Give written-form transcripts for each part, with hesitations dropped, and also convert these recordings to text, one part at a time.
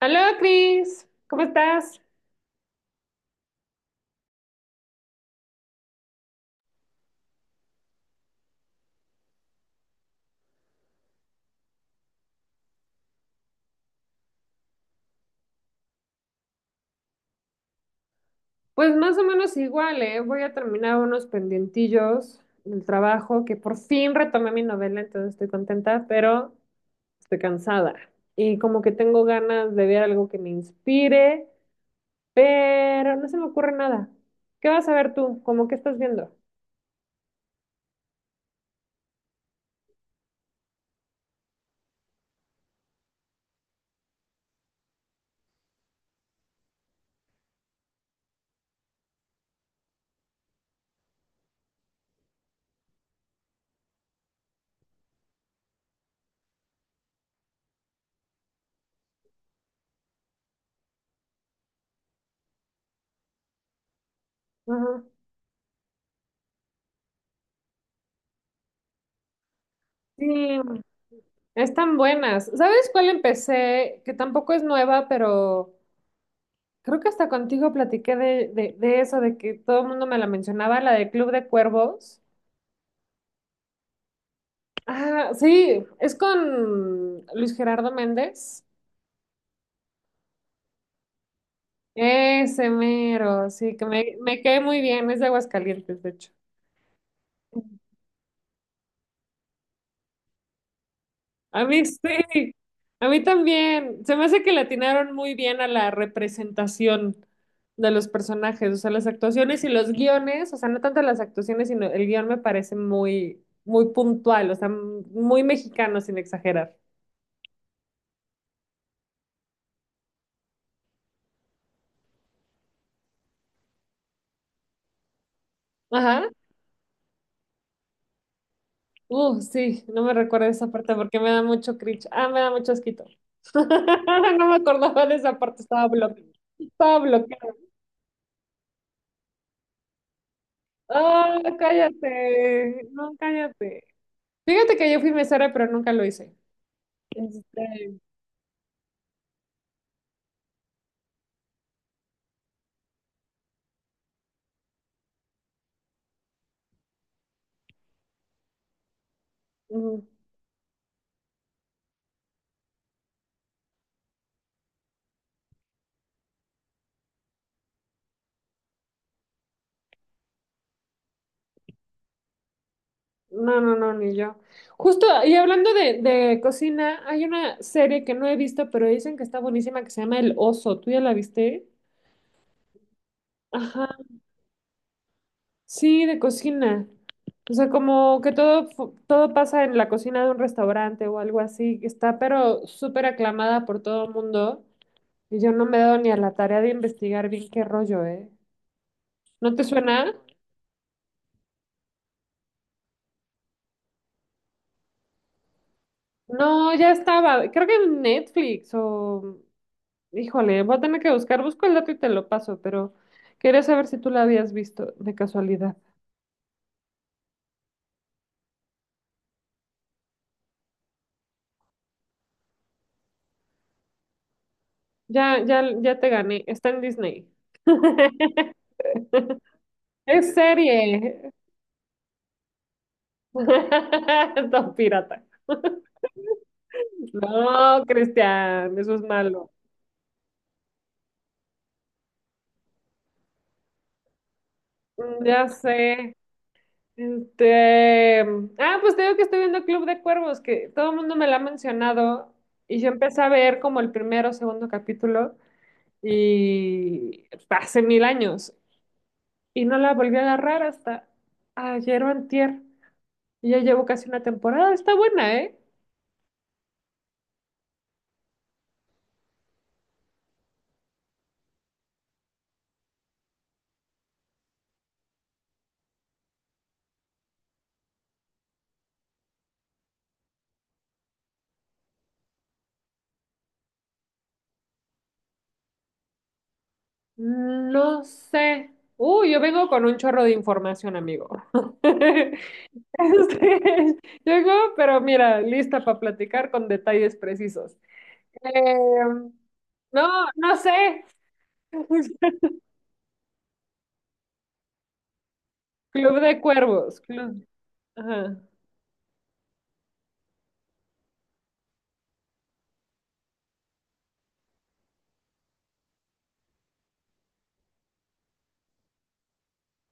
Hola, Cris, ¿cómo estás? Pues más o menos igual, ¿eh? Voy a terminar unos pendientillos del trabajo, que por fin retomé mi novela, entonces estoy contenta, pero estoy cansada. Y como que tengo ganas de ver algo que me inspire, pero no se me ocurre nada. ¿Qué vas a ver tú? ¿Cómo que estás viendo? Ajá. Sí, están buenas. ¿Sabes cuál empecé? Que tampoco es nueva, pero creo que hasta contigo platiqué de eso, de que todo el mundo me la mencionaba, la de Club de Cuervos. Ah, sí, es con Luis Gerardo Méndez. Ese mero, sí, que me cae muy bien, es de Aguascalientes, de hecho. A mí sí, a mí también. Se me hace que le atinaron muy bien a la representación de los personajes, o sea, las actuaciones y los guiones, o sea, no tanto las actuaciones, sino el guión me parece muy, muy puntual, o sea, muy mexicano sin exagerar. Ajá. Sí, no me recuerdo esa parte porque me da mucho cringe. Ah, me da mucho asquito. No me acordaba de esa parte, estaba bloqueada. Estaba bloqueada. Ah, cállate. No, cállate. Fíjate que yo fui mesera, pero nunca lo hice. Este, mm, no, no, no, ni yo. Justo, y hablando de cocina, hay una serie que no he visto, pero dicen que está buenísima, que se llama El Oso. ¿Tú ya la viste? Ajá, sí, de cocina. O sea, como que todo, todo pasa en la cocina de un restaurante o algo así, que está pero súper aclamada por todo el mundo. Y yo no me he dado ni a la tarea de investigar bien qué rollo, ¿eh? ¿No te suena? No, ya estaba. Creo que en Netflix o... Híjole, voy a tener que buscar, busco el dato y te lo paso, pero quería saber si tú la habías visto de casualidad. Ya, ya, ya te gané, está en Disney. Es serie. Don pirata. No, Cristian, eso es malo. Ya sé. Este, pues te digo que estoy viendo Club de Cuervos, que todo el mundo me lo ha mencionado y yo empecé a ver como el primero o segundo capítulo y hace mil años y no la volví a agarrar hasta ayer o antier. Y ya llevo casi una temporada. Está buena, ¿eh? Mm, no sé. Uy, yo vengo con un chorro de información, amigo. Este, llego, pero mira, lista para platicar con detalles precisos. Em, no, no sé. Club de Cuervos. Club. Ajá.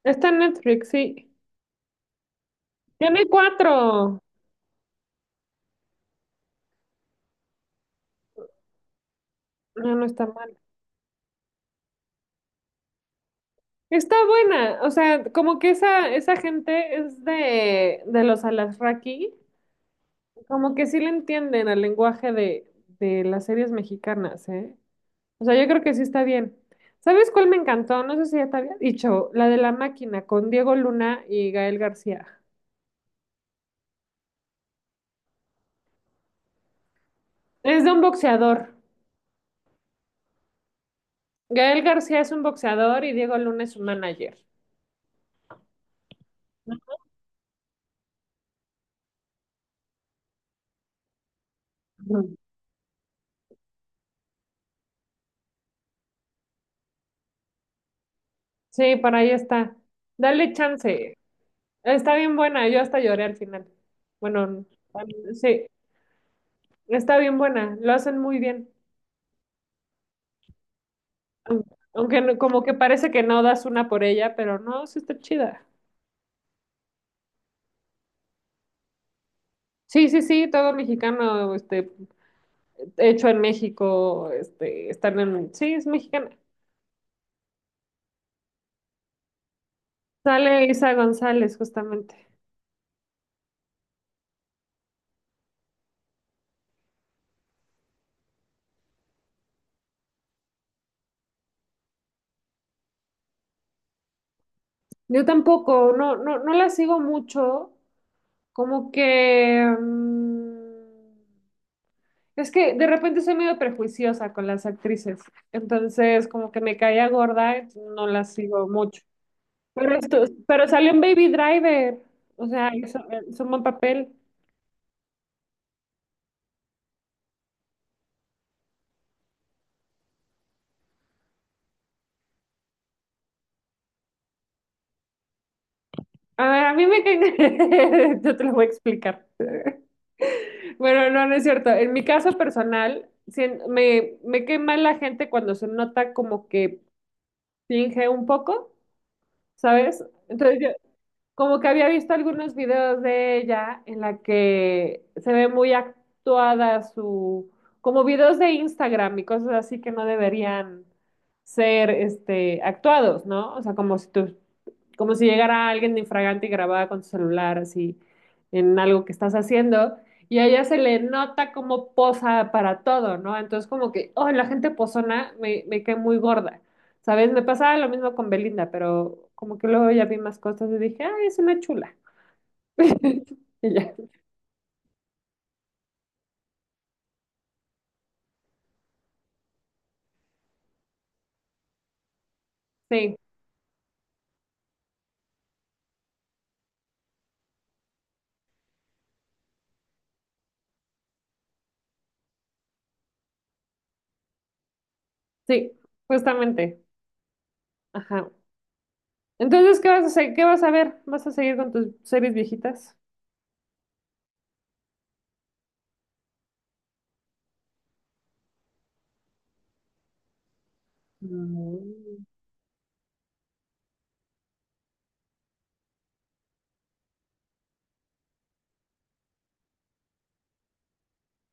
Está en Netflix, sí. Tiene cuatro. No, no está mal. Está buena, o sea, como que esa gente es de los Alasraqui, como que sí le entienden al lenguaje de las series mexicanas, ¿eh? O sea, yo creo que sí está bien. ¿Sabes cuál me encantó? No sé si ya te había dicho, la de La Máquina con Diego Luna y Gael García. Es de un boxeador. Gael García es un boxeador y Diego Luna es un manager. Ujú. Sí, por ahí está. Dale chance. Está bien buena, yo hasta lloré al final. Bueno, sí. Está bien buena, lo hacen muy bien. Aun- Aunque como que parece que no das una por ella, pero no, sí está chida. Sí, sí, sí, todo mexicano, este, hecho en México, este, están en, sí, es mexicana. Sale Isa González, justamente. Yo tampoco, no, no, no la sigo mucho, como que mm, es que de repente soy medio prejuiciosa con las actrices, entonces como que me caía gorda, no la sigo mucho. Pero, pero salió un Baby Driver. O sea, hizo, hizo un buen papel. A mí me caen. Yo te lo voy a explicar. Bueno, no, no es cierto. En mi caso personal, me cae mal la gente cuando se nota como que finge un poco, ¿sabes? Entonces yo, como que había visto algunos videos de ella en la que se ve muy actuada su, como videos de Instagram y cosas así que no deberían ser, este, actuados, ¿no? O sea, como si tú, como si llegara alguien de infragante y grababa con su celular así en algo que estás haciendo y a ella se le nota como posa para todo, ¿no? Entonces como que, oh, la gente posona me cae muy gorda. ¿Sabes? Me pasaba lo mismo con Belinda, pero como que luego ya vi más cosas y dije, ah, es una chula. Y ya. Sí, sí, justamente. Ajá. Entonces, ¿qué vas a hacer? ¿Qué vas a ver? ¿Vas a seguir con tus series viejitas? Mm.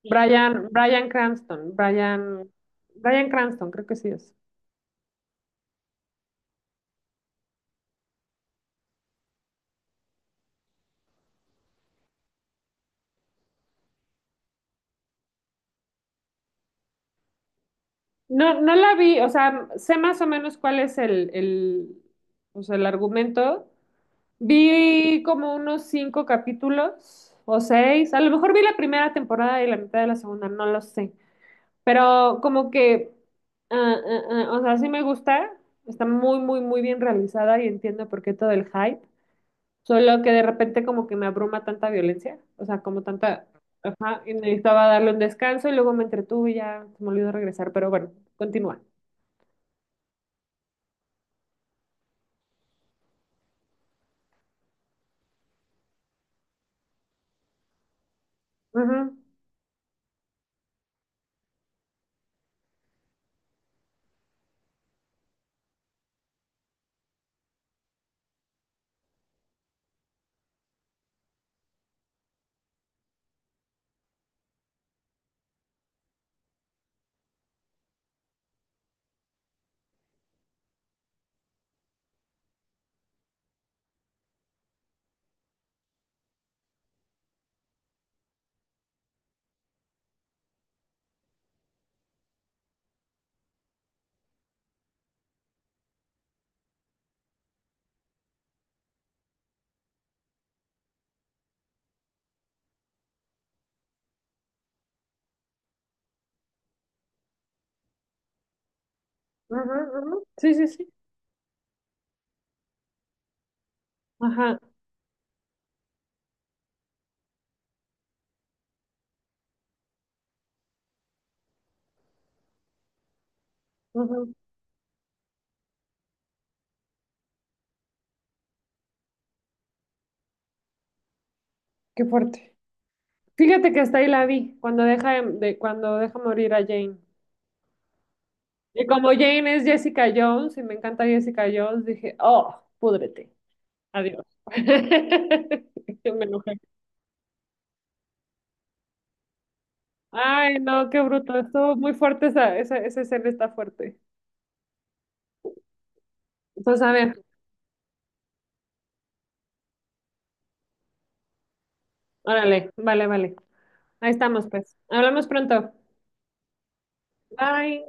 Bryan, Bryan Cranston, Bryan, Bryan Cranston, creo que sí es. No, no la vi, o sea, sé más o menos cuál es el, o sea, el argumento, vi como unos cinco capítulos o seis. A lo mejor vi la primera temporada y la mitad de la segunda, no lo sé. Pero como que, ah, ah, ah, o sea, sí me gusta. Está muy, muy, muy bien realizada y entiendo por qué todo el hype. Solo que de repente como que me abruma tanta violencia. O sea, como tanta... Ajá, y necesitaba darle un descanso y luego me entretuve y ya se me olvidó regresar. Pero bueno, continúa. Ujú, ujú, ujú. Sí, sí, sí. Ajá. Ujú. Qué fuerte. Fíjate que hasta ahí la vi, cuando deja, cuando deja morir a Jane. Y como Jane es Jessica Jones y me encanta Jessica Jones, dije, oh, púdrete, adiós. Me enojé. Ay, no, qué bruto, estuvo muy fuerte esa escena está fuerte. Entonces, a ver, órale, vale, vale. Ahí estamos, pues. Hablamos pronto. Bye.